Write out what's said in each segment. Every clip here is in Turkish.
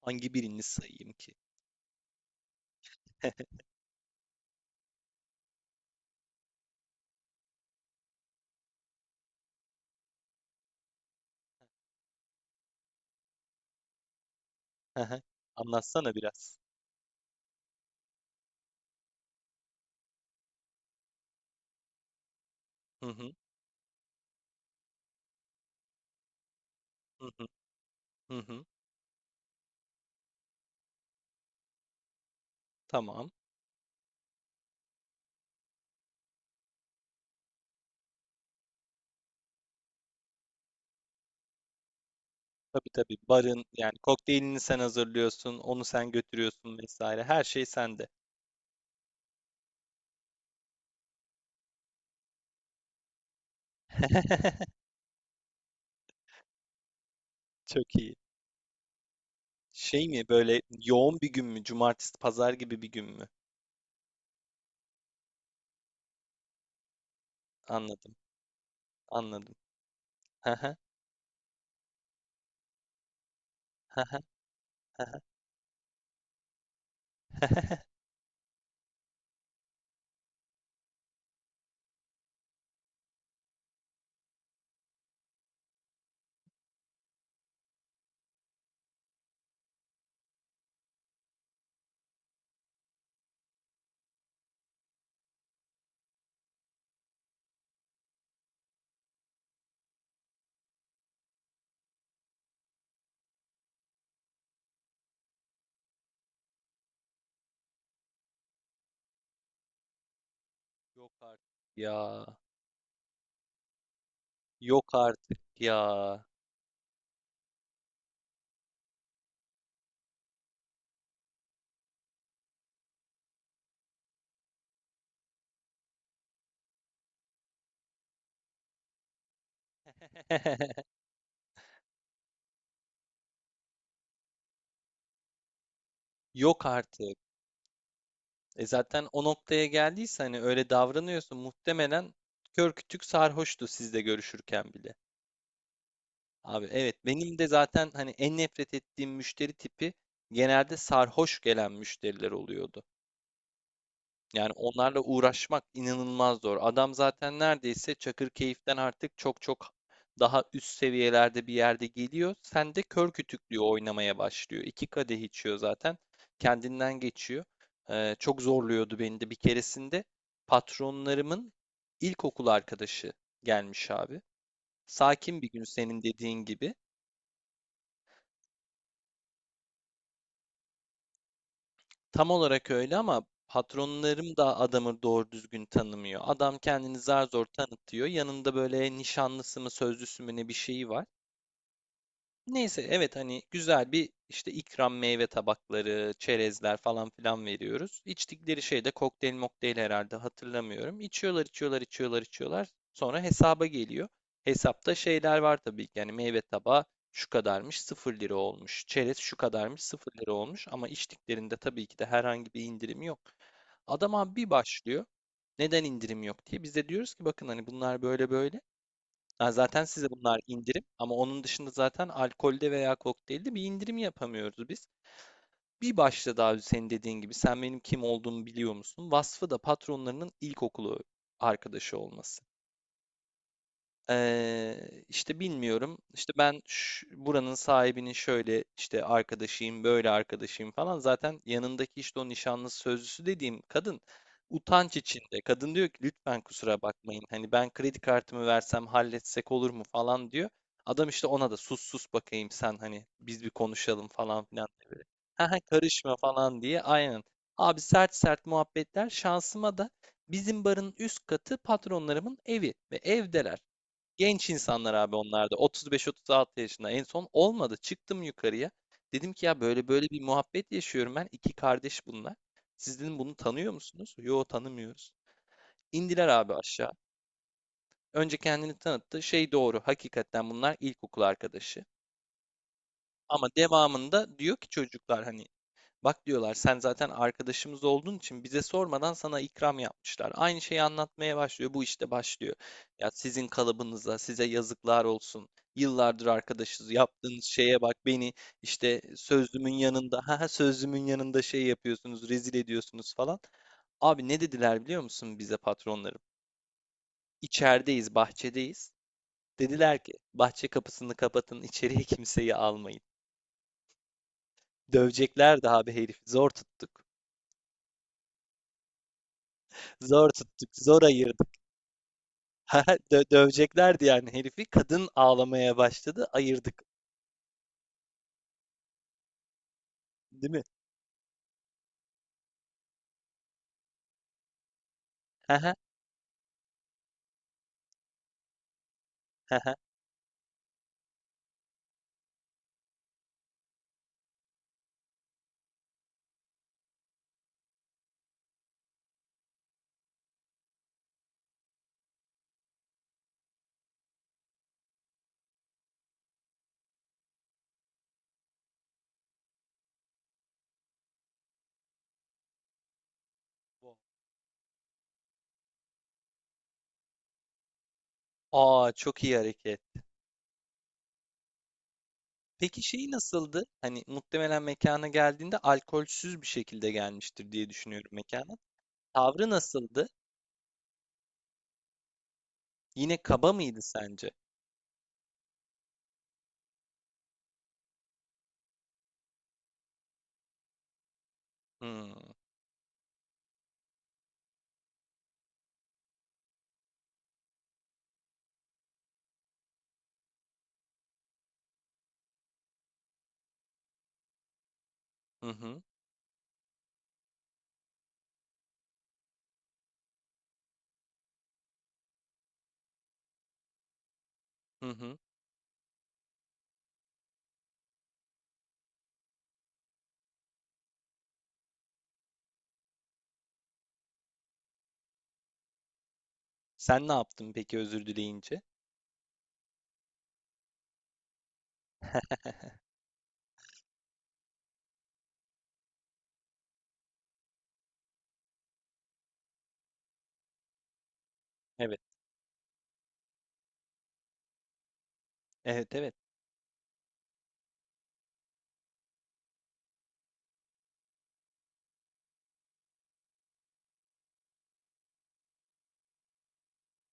Hangi birini sayayım ki? Hı hı. Anlatsana biraz. Hı hı, hı hı, hı hı. Tamam. Tabii tabii. Barın yani kokteylini sen hazırlıyorsun, onu sen götürüyorsun vesaire. Her şey sende. Çok iyi. Şey mi böyle yoğun bir gün mü? Cumartesi, pazar gibi bir gün mü? Anladım. Anladım. Hı hı, hı hı, hı hı. Yok artık. Ya. Yok artık ya. Yok artık. E zaten o noktaya geldiyse hani öyle davranıyorsun muhtemelen kör kütük sarhoştu sizle görüşürken bile. Abi evet benim de zaten hani en nefret ettiğim müşteri tipi genelde sarhoş gelen müşteriler oluyordu. Yani onlarla uğraşmak inanılmaz zor. Adam zaten neredeyse Çakırkeyif'ten artık çok çok daha üst seviyelerde bir yerde geliyor. Sen de kör kütüklüğü oynamaya başlıyor. İki kadeh içiyor zaten. Kendinden geçiyor. Çok zorluyordu beni de. Bir keresinde patronlarımın ilkokul arkadaşı gelmiş abi. Sakin bir gün senin dediğin gibi. Tam olarak öyle ama patronlarım da adamı doğru düzgün tanımıyor. Adam kendini zar zor tanıtıyor. Yanında böyle nişanlısı mı sözlüsü mü ne bir şeyi var. Neyse evet hani güzel bir işte ikram meyve tabakları, çerezler falan filan veriyoruz. İçtikleri şey de kokteyl mokteyl herhalde hatırlamıyorum. İçiyorlar içiyorlar içiyorlar içiyorlar. Sonra hesaba geliyor. Hesapta şeyler var tabii ki yani meyve tabağı şu kadarmış sıfır lira olmuş. Çerez şu kadarmış sıfır lira olmuş. Ama içtiklerinde tabii ki de herhangi bir indirim yok. Adam abi bir başlıyor. Neden indirim yok diye. Biz de diyoruz ki bakın hani bunlar böyle böyle. Ha, zaten size bunlar indirim ama onun dışında zaten alkolde veya kokteylde bir indirim yapamıyoruz biz. Bir başta daha senin dediğin gibi sen benim kim olduğumu biliyor musun? Vasfı da patronlarının ilkokulu arkadaşı olması. İşte bilmiyorum. İşte buranın sahibinin şöyle işte arkadaşıyım, böyle arkadaşıyım falan. Zaten yanındaki işte o nişanlısı sözlüsü dediğim kadın utanç içinde. Kadın diyor ki lütfen kusura bakmayın. Hani ben kredi kartımı versem halletsek olur mu falan diyor. Adam işte ona da sus sus bakayım sen hani biz bir konuşalım falan filan diye böyle. Ha ha, karışma falan diye aynen. Abi sert sert muhabbetler şansıma da bizim barın üst katı patronlarımın evi ve evdeler. Genç insanlar abi onlar da 35-36 yaşında en son olmadı. Çıktım yukarıya. Dedim ki ya böyle böyle bir muhabbet yaşıyorum ben. İki kardeş bunlar. Siz dedim bunu tanıyor musunuz? Yo tanımıyoruz. İndiler abi aşağı. Önce kendini tanıttı. Şey doğru hakikaten bunlar ilkokul arkadaşı. Ama devamında diyor ki çocuklar hani bak diyorlar sen zaten arkadaşımız olduğun için bize sormadan sana ikram yapmışlar. Aynı şeyi anlatmaya başlıyor. Bu işte başlıyor. Ya sizin kalıbınıza, size yazıklar olsun. Yıllardır arkadaşız. Yaptığınız şeye bak beni işte sözlümün yanında, ha sözlümün yanında şey yapıyorsunuz, rezil ediyorsunuz falan. Abi ne dediler biliyor musun bize patronlarım? İçerideyiz, bahçedeyiz. Dediler ki bahçe kapısını kapatın, içeriye kimseyi almayın. Dövecekler de abi herifi. Zor tuttuk. Zor tuttuk. Zor ayırdık. Ha, döveceklerdi yani herifi. Kadın ağlamaya başladı. Ayırdık. Değil mi? Aa, çok iyi hareket. Peki şey nasıldı? Hani muhtemelen mekana geldiğinde alkolsüz bir şekilde gelmiştir diye düşünüyorum mekana. Tavrı nasıldı? Yine kaba mıydı sence? Hmm. Hı hı. Hı hı. Sen ne yaptın peki özür dileyince? Evet. Evet evet.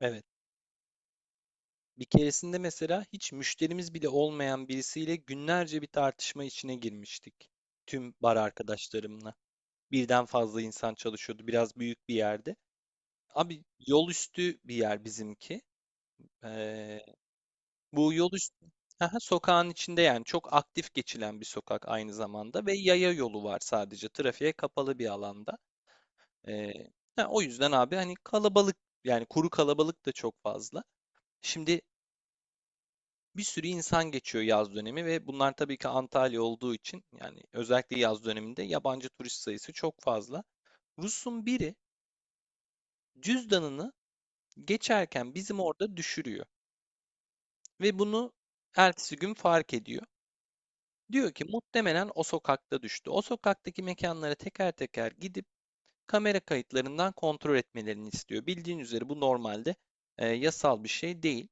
Evet. Bir keresinde mesela hiç müşterimiz bile olmayan birisiyle günlerce bir tartışma içine girmiştik. Tüm bar arkadaşlarımla. Birden fazla insan çalışıyordu. Biraz büyük bir yerde. Abi yol üstü bir yer bizimki. Ee, Bu yol üstü, aha, sokağın içinde yani çok aktif geçilen bir sokak aynı zamanda ve yaya yolu var sadece trafiğe kapalı bir alanda. Ee, ha, o yüzden abi hani kalabalık yani kuru kalabalık da çok fazla. Şimdi bir sürü insan geçiyor yaz dönemi ve bunlar tabii ki Antalya olduğu için yani özellikle yaz döneminde yabancı turist sayısı çok fazla. Rus'un biri cüzdanını geçerken bizim orada düşürüyor ve bunu ertesi gün fark ediyor. Diyor ki muhtemelen o sokakta düştü. O sokaktaki mekanlara teker teker gidip kamera kayıtlarından kontrol etmelerini istiyor. Bildiğin üzere bu normalde yasal bir şey değil.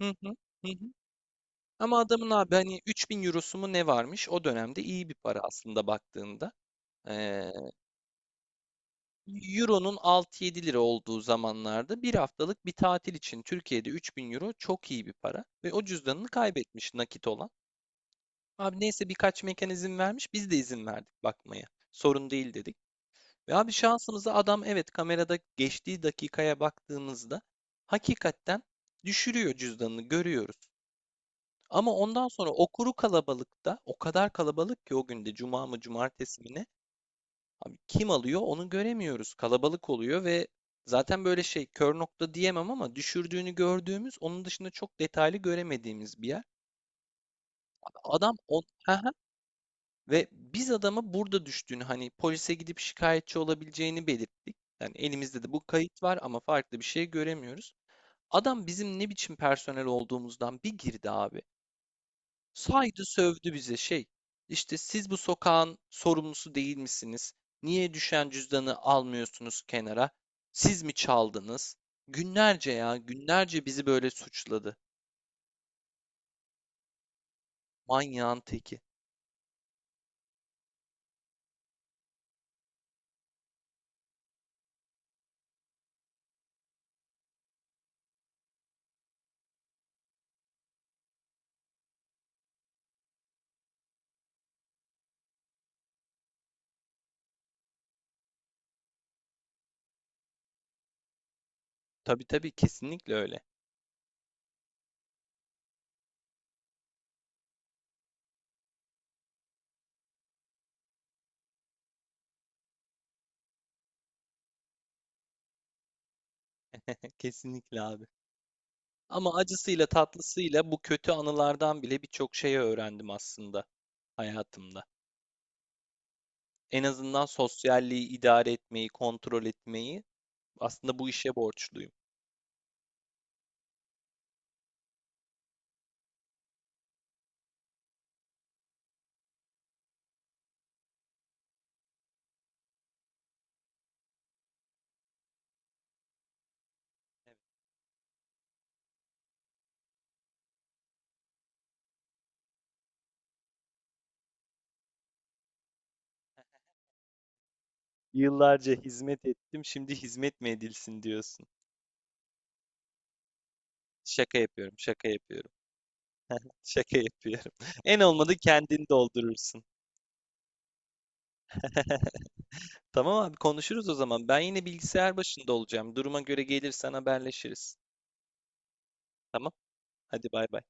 Hı hı. Hı hı. Ama adamın abi hani 3000 eurosu mu ne varmış? O dönemde iyi bir para aslında baktığında. Ee, Euro'nun 6-7 lira olduğu zamanlarda bir haftalık bir tatil için Türkiye'de 3000 euro çok iyi bir para. Ve o cüzdanını kaybetmiş nakit olan. Abi neyse birkaç mekan izin vermiş biz de izin verdik bakmaya. Sorun değil dedik. Ve abi şansımıza adam evet kamerada geçtiği dakikaya baktığımızda hakikaten düşürüyor cüzdanını görüyoruz. Ama ondan sonra o kuru kalabalıkta o kadar kalabalık ki o günde cuma mı cumartesi mi ne? Abi kim alıyor onu göremiyoruz. Kalabalık oluyor ve zaten böyle şey kör nokta diyemem ama düşürdüğünü gördüğümüz onun dışında çok detaylı göremediğimiz bir yer. Adam o. Hı hı. Ve biz adama burada düştüğünü hani polise gidip şikayetçi olabileceğini belirttik. Yani elimizde de bu kayıt var ama farklı bir şey göremiyoruz. Adam bizim ne biçim personel olduğumuzdan bir girdi abi. Saydı sövdü bize şey. İşte siz bu sokağın sorumlusu değil misiniz? Niye düşen cüzdanı almıyorsunuz kenara? Siz mi çaldınız? Günlerce ya, günlerce bizi böyle suçladı. Manyağın teki. Tabii tabii kesinlikle öyle. Kesinlikle abi. Ama acısıyla tatlısıyla bu kötü anılardan bile birçok şey öğrendim aslında hayatımda. En azından sosyalliği idare etmeyi, kontrol etmeyi aslında bu işe borçluyum. Yıllarca hizmet ettim, şimdi hizmet mi edilsin diyorsun. Şaka yapıyorum, şaka yapıyorum, şaka yapıyorum. En olmadı kendini doldurursun. Tamam abi konuşuruz o zaman. Ben yine bilgisayar başında olacağım. Duruma göre gelirsen haberleşiriz. Tamam, hadi bay bay.